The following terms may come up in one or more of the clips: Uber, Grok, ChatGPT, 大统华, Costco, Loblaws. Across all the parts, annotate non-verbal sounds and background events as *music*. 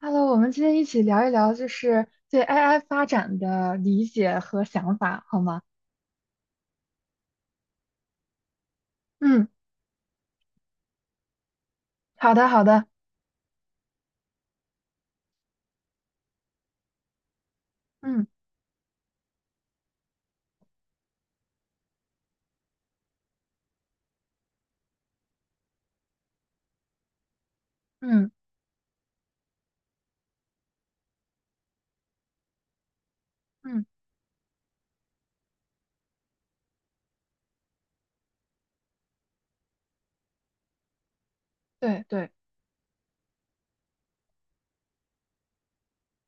Hello，我们今天一起聊一聊，就是对 AI 发展的理解和想法，好吗？嗯，好的，好的，嗯嗯嗯，对对，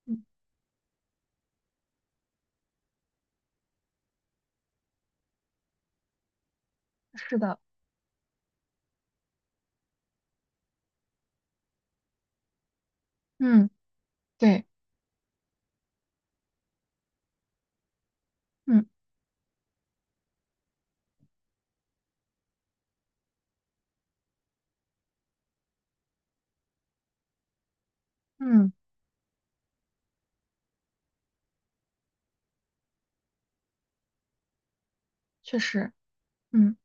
嗯，是的，嗯，对，嗯嗯，确实，嗯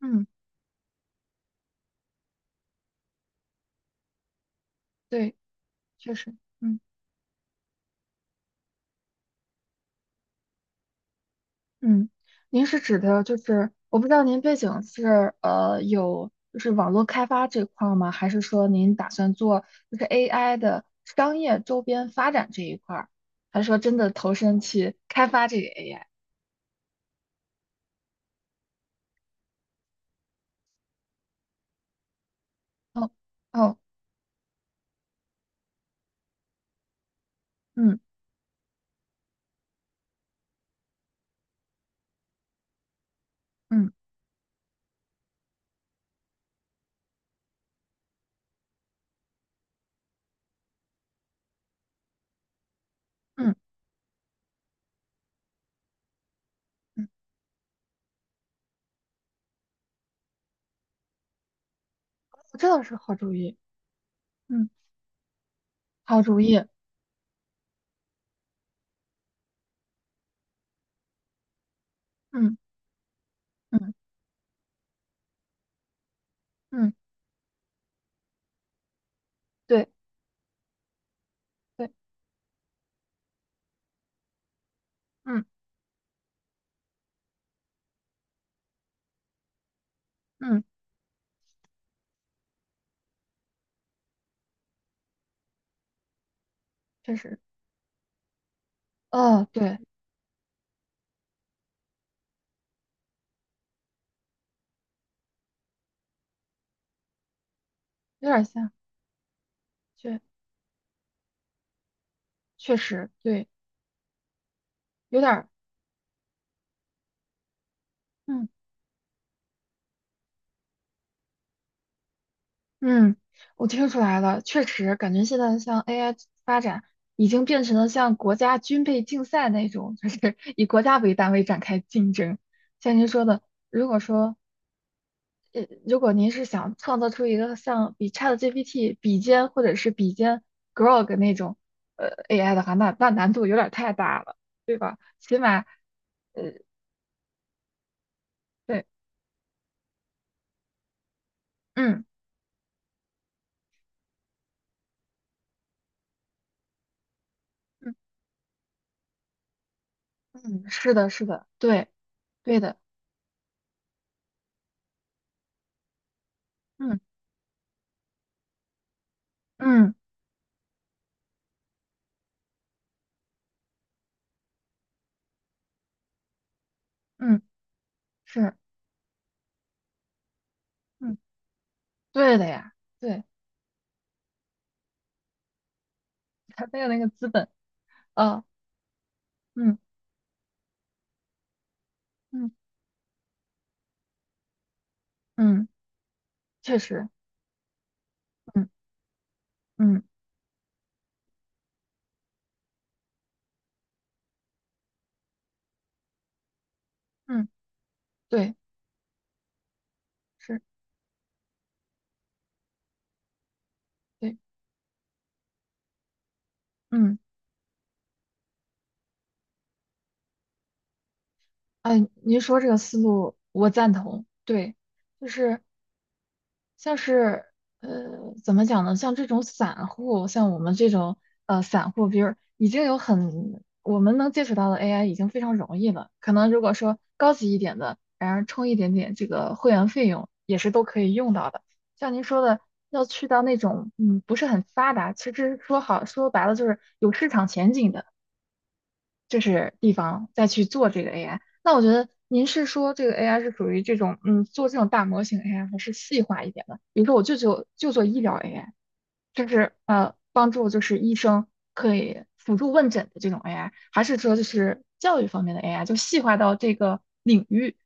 嗯，对，确实，嗯。嗯，您是指的就是，我不知道您背景是有就是网络开发这块儿吗？还是说您打算做就是 AI 的商业周边发展这一块儿？还是说真的投身去开发这个 AI？哦哦，嗯嗯嗯嗯，这倒是好主意，嗯，好主意，嗯嗯嗯，对对，嗯嗯，确实，哦，对，有点像，确确实对，有点儿。嗯。嗯，我听出来了，确实感觉现在像 AI 发展已经变成了像国家军备竞赛那种，就是 *laughs* 以国家为单位展开竞争。像您说的，如果说，如果您是想创造出一个像比 ChatGPT 比肩或者是比肩 Grok 那种呃 AI 的话，那难度有点太大了，对吧？起码呃，对，嗯嗯嗯，是的，是的，对对的，嗯嗯嗯，是。嗯。对的呀，对，他没有那个资本啊，嗯嗯嗯，确实，嗯嗯嗯，对，是，对，嗯，哎，您说这个思路我赞同，对，就是像是呃，怎么讲呢？像这种散户，像我们这种散户，比如已经有很我们能接触到的 AI 已经非常容易了。可能如果说高级一点的，然后充一点点这个会员费用，也是都可以用到的。像您说的，要去到那种嗯不是很发达，其实说好说白了就是有市场前景的就是地方再去做这个 AI。那我觉得您是说这个 AI 是属于这种，嗯，做这种大模型 AI 还是细化一点的？比如说我就做医疗 AI，就是帮助就是医生可以辅助问诊的这种 AI，还是说就是教育方面的 AI，就细化到这个领域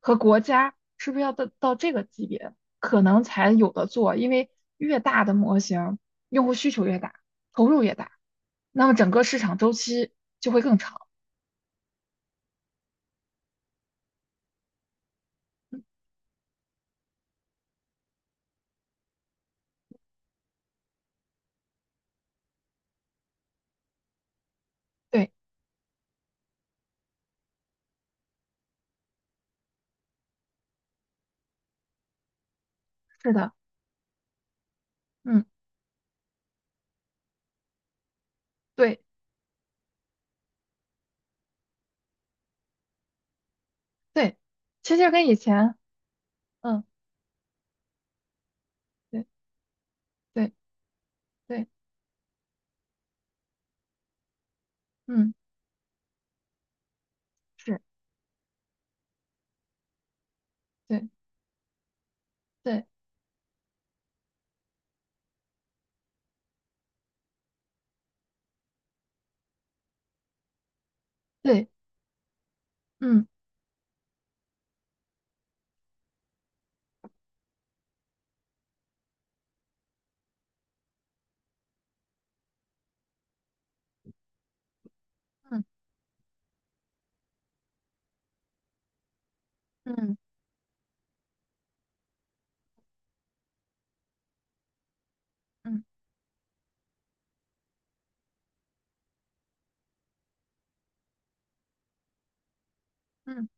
和国家，是不是要到这个级别可能才有的做？因为越大的模型，用户需求越大，投入越大，那么整个市场周期就会更长。对，是的，嗯，对对，其实跟以前，嗯，对对对，嗯，是，对对对，嗯嗯嗯嗯嗯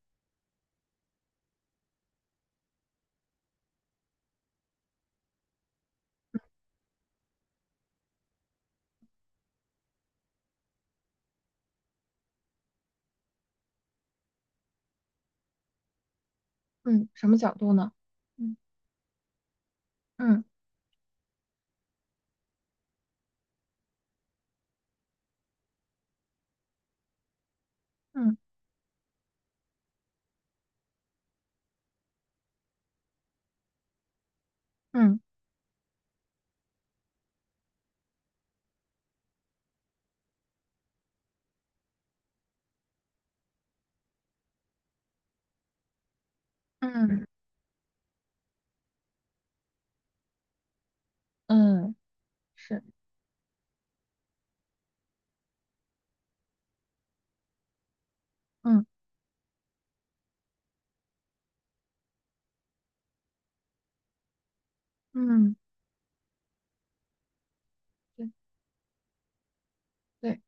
嗯，什么角度呢？嗯嗯嗯嗯嗯嗯，是，嗯嗯，对对，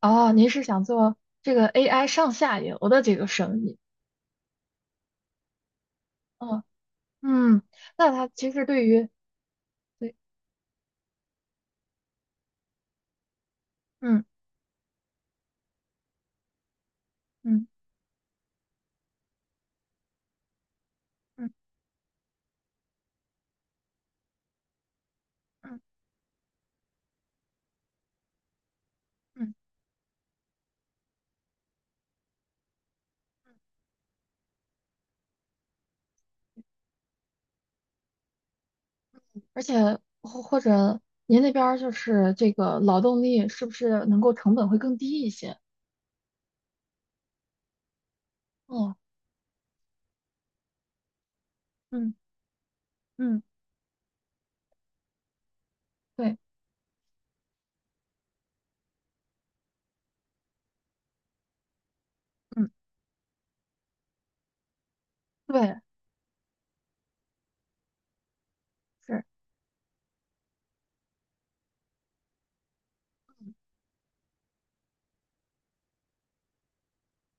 哦，您是想做这个 AI 上下游的这个生意？哦，嗯，那它其实对于对，嗯嗯嗯嗯嗯嗯而且或者您那边儿就是这个劳动力是不是能够成本会更低一些？哦，嗯，嗯对嗯对，是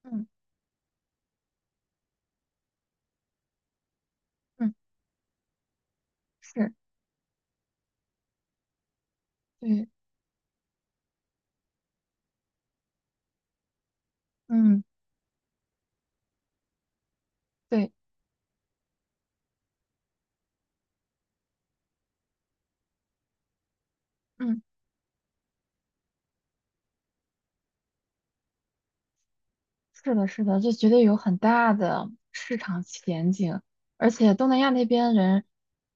嗯嗯是，对嗯对，嗯是的，是的，这绝对有很大的市场前景。而且东南亚那边人，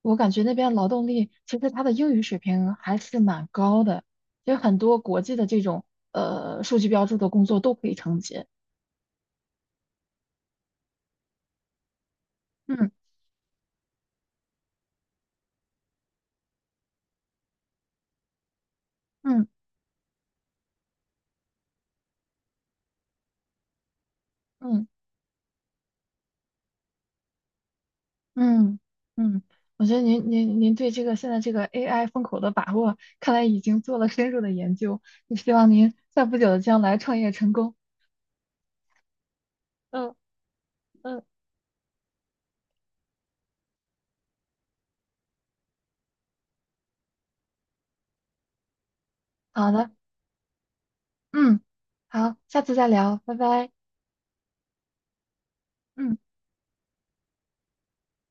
我感觉那边劳动力其实他的英语水平还是蛮高的，其实很多国际的这种数据标注的工作都可以承接。嗯嗯嗯嗯嗯，我觉得您对这个现在这个 AI 风口的把握，看来已经做了深入的研究。就希望您在不久的将来创业成功。嗯嗯。好的，嗯，好，下次再聊，拜拜。嗯。